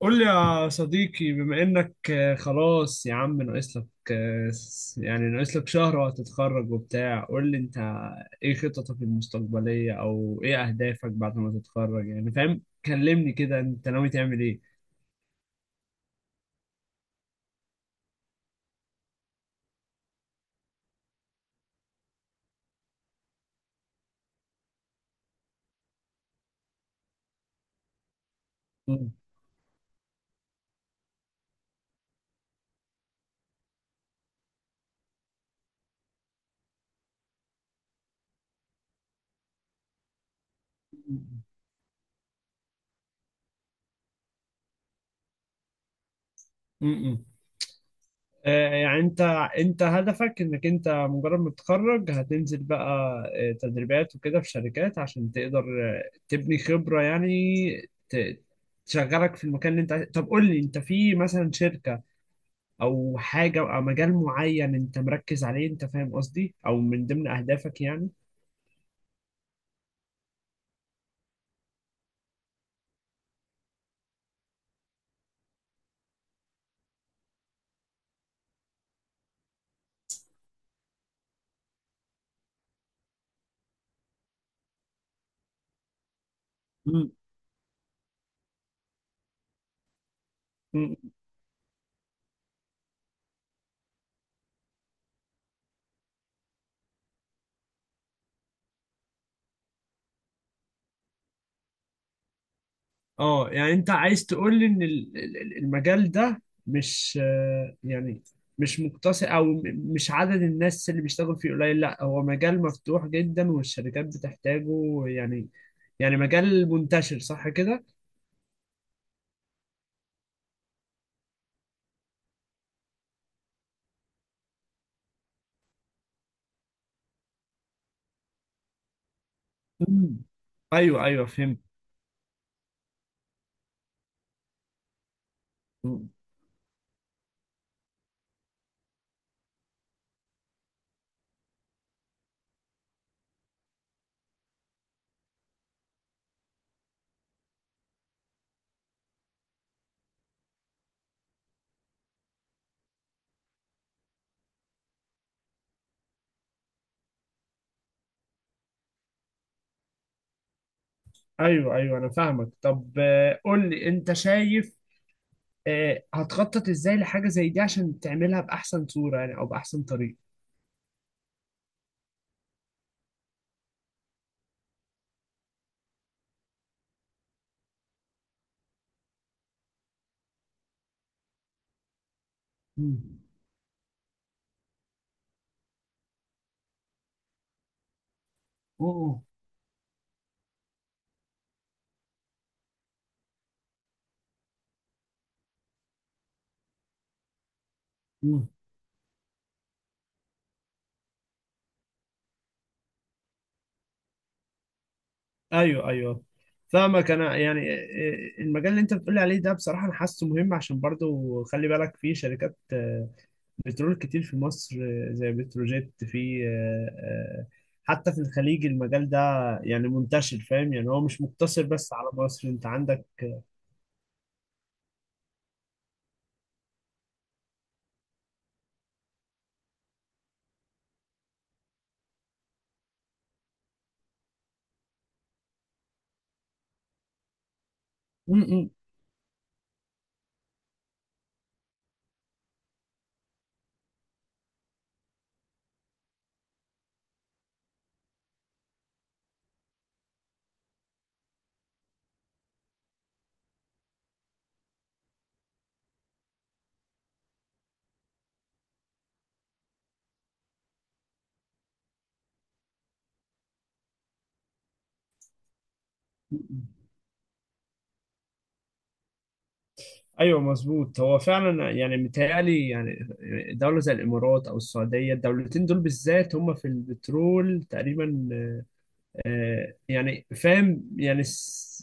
قول لي يا صديقي بما انك خلاص يا عم ناقص لك يعني ناقص لك شهر وهتتخرج وبتاع. قول لي انت ايه خططك المستقبلية او ايه اهدافك بعد ما تتخرج؟ يعني فاهم، كلمني كده انت ناوي تعمل ايه؟ م- م- م- يعني انت هدفك انك انت مجرد ما تتخرج هتنزل بقى تدريبات وكده في شركات عشان تقدر تبني خبرة يعني ت- تشغلك في المكان اللي انت عايز. طب قول لي انت في مثلا شركة او حاجة او مجال معين انت مركز عليه؟ انت فاهم قصدي، او من ضمن اهدافك يعني. مم. اه يعني انت عايز تقول لي ان المجال ده مش يعني مش مقتصر او مش عدد الناس اللي بيشتغل فيه قليل، لا هو مجال مفتوح جدا والشركات بتحتاجه يعني. يعني مجال منتشر صح كده؟ مم. ايوه ايوه فهمت. مم. ايوه ايوه انا فاهمك. طب قول لي انت شايف هتخطط ازاي لحاجه زي دي عشان تعملها باحسن صوره يعني او باحسن طريقه؟ مم. اوه. مم. ايوه ايوه فاهمك انا. يعني إيه، المجال اللي انت بتقول عليه ده بصراحه انا حاسه مهم، عشان برضو خلي بالك في شركات بترول كتير في مصر، زي بتروجيت، في حتى في الخليج المجال ده يعني منتشر. فاهم يعني هو مش مقتصر بس على مصر، انت عندك م- م. ايوه مظبوط. هو فعلا يعني متهيألي يعني دوله زي الامارات او السعوديه، الدولتين دول بالذات هم في البترول تقريبا يعني فاهم يعني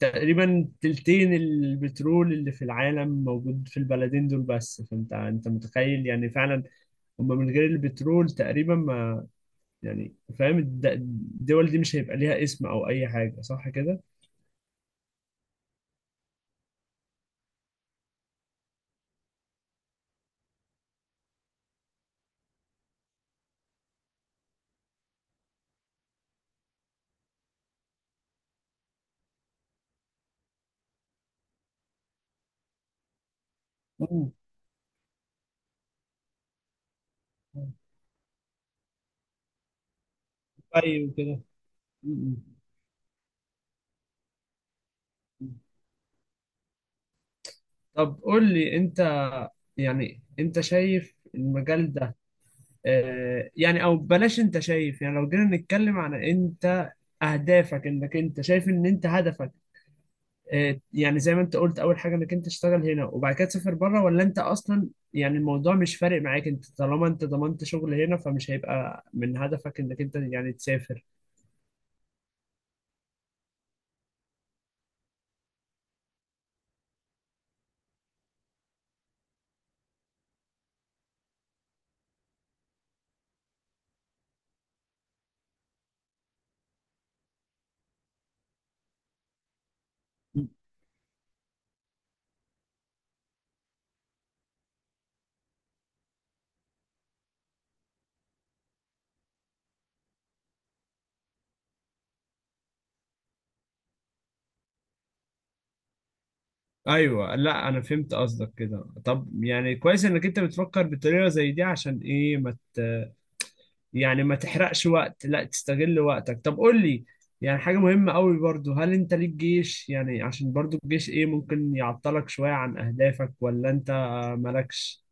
تقريبا تلتين البترول اللي في العالم موجود في البلدين دول بس. فانت انت متخيل يعني فعلا هم من غير البترول تقريبا ما يعني. فاهم الدول دي مش هيبقى ليها اسم او اي حاجة صح كده؟ مم. ايوه كده. مم. طب قول لي انت، يعني انت شايف المجال ده يعني او بلاش. انت شايف يعني لو جينا نتكلم عن انت اهدافك، انك انت شايف ان انت هدفك يعني زي ما انت قلت اول حاجه انك انت تشتغل هنا وبعد كده تسافر بره، ولا انت اصلا يعني الموضوع مش فارق معاك انت طالما انت ضمنت شغل هنا فمش هيبقى من هدفك انك انت يعني تسافر؟ ايوه لا انا فهمت قصدك كده. طب يعني كويس انك انت بتفكر بطريقه زي دي عشان ايه ما مت... يعني ما تحرقش وقت، لا تستغل وقتك. طب قول لي يعني حاجه مهمه قوي برضو، هل انت ليك جيش؟ يعني عشان برضو الجيش ايه ممكن يعطلك شويه عن اهدافك، ولا انت مالكش؟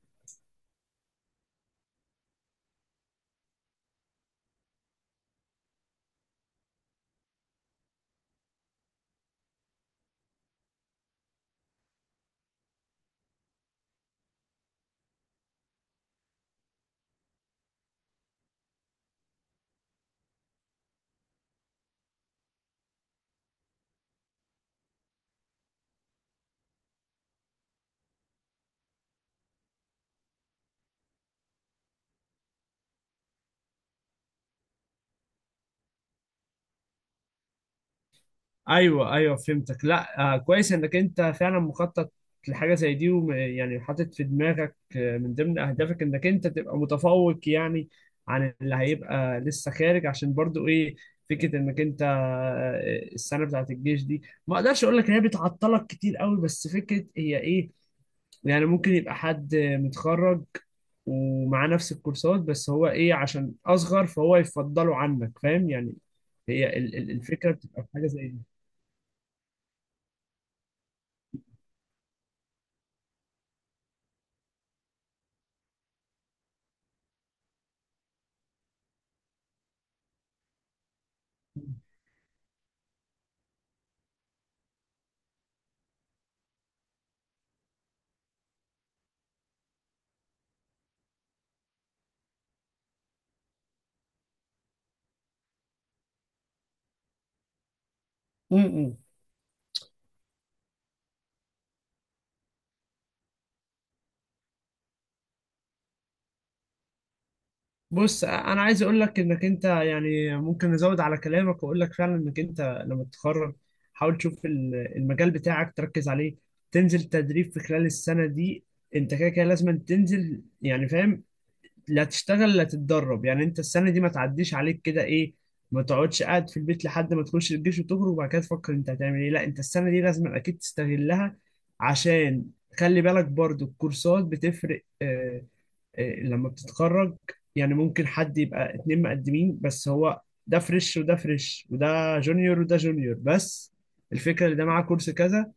ايوه ايوه فهمتك. لا آه كويس انك انت فعلا مخطط لحاجه زي دي، ويعني حاطط في دماغك من ضمن اهدافك انك انت تبقى متفوق يعني عن اللي هيبقى لسه خارج، عشان برضو ايه فكره انك انت السنه بتاعت الجيش دي ما اقدرش اقول لك ان هي بتعطلك كتير قوي بس فكره هي ايه. يعني ممكن يبقى حد متخرج ومعاه نفس الكورسات بس هو ايه عشان اصغر فهو يفضله عنك فاهم يعني. هي الفكره بتبقى في حاجه زي دي. م- م. بص انا عايز اقول لك انك انت يعني ممكن نزود على كلامك واقول لك فعلا انك انت لما تتخرج حاول تشوف المجال بتاعك تركز عليه، تنزل تدريب في خلال السنة دي. انت كده كده لازم تنزل يعني فاهم، لا تشتغل لا تتدرب. يعني انت السنة دي ما تعديش عليك كده ايه، ما تقعدش قاعد في البيت لحد ما تخش الجيش وتخرج وبعد كده تفكر انت هتعمل ايه. لا انت السنة دي لازم اكيد تستغلها عشان خلي بالك برضو الكورسات بتفرق إيه، لما بتتخرج. يعني ممكن حد يبقى اتنين مقدمين بس هو ده فريش وده فريش وده جونيور وده جونيور، بس الفكرة اللي ده معاه كورس كذا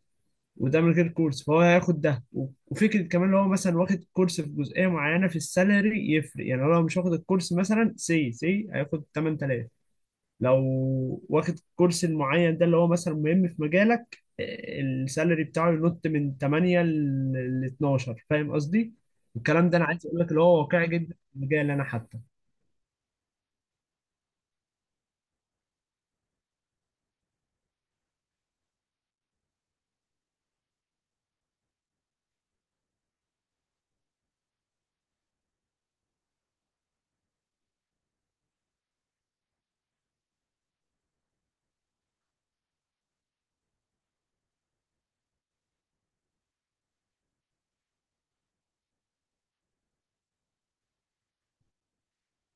وده من غير كورس فهو هياخد ده. وفكرة كمان لو هو مثلا واخد كورس في جزئية معينة في السالري يفرق. يعني لو هو مش واخد الكورس مثلا سي سي هياخد 8000، لو واخد كورس معين ده اللي هو مثلا مهم في مجالك السالري بتاعه ينط من 8 ل 12. فاهم قصدي؟ الكلام ده انا عايز اقول لك اللي هو واقعي جدا في المجال، انا حتى.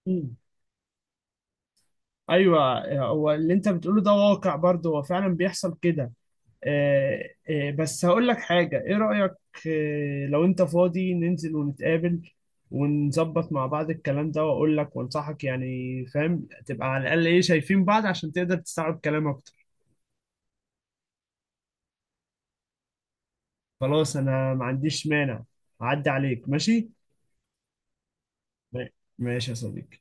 مم. ايوه هو اللي انت بتقوله ده واقع برضه، هو فعلا بيحصل كده. بس هقول لك حاجه، ايه رايك لو انت فاضي ننزل ونتقابل ونظبط مع بعض الكلام ده واقول لك وانصحك يعني فاهم، تبقى على الاقل ايه شايفين بعض عشان تقدر تستوعب كلام اكتر؟ خلاص انا ما عنديش مانع. اعدي عليك ماشي. ما- ماشي يا صديقي.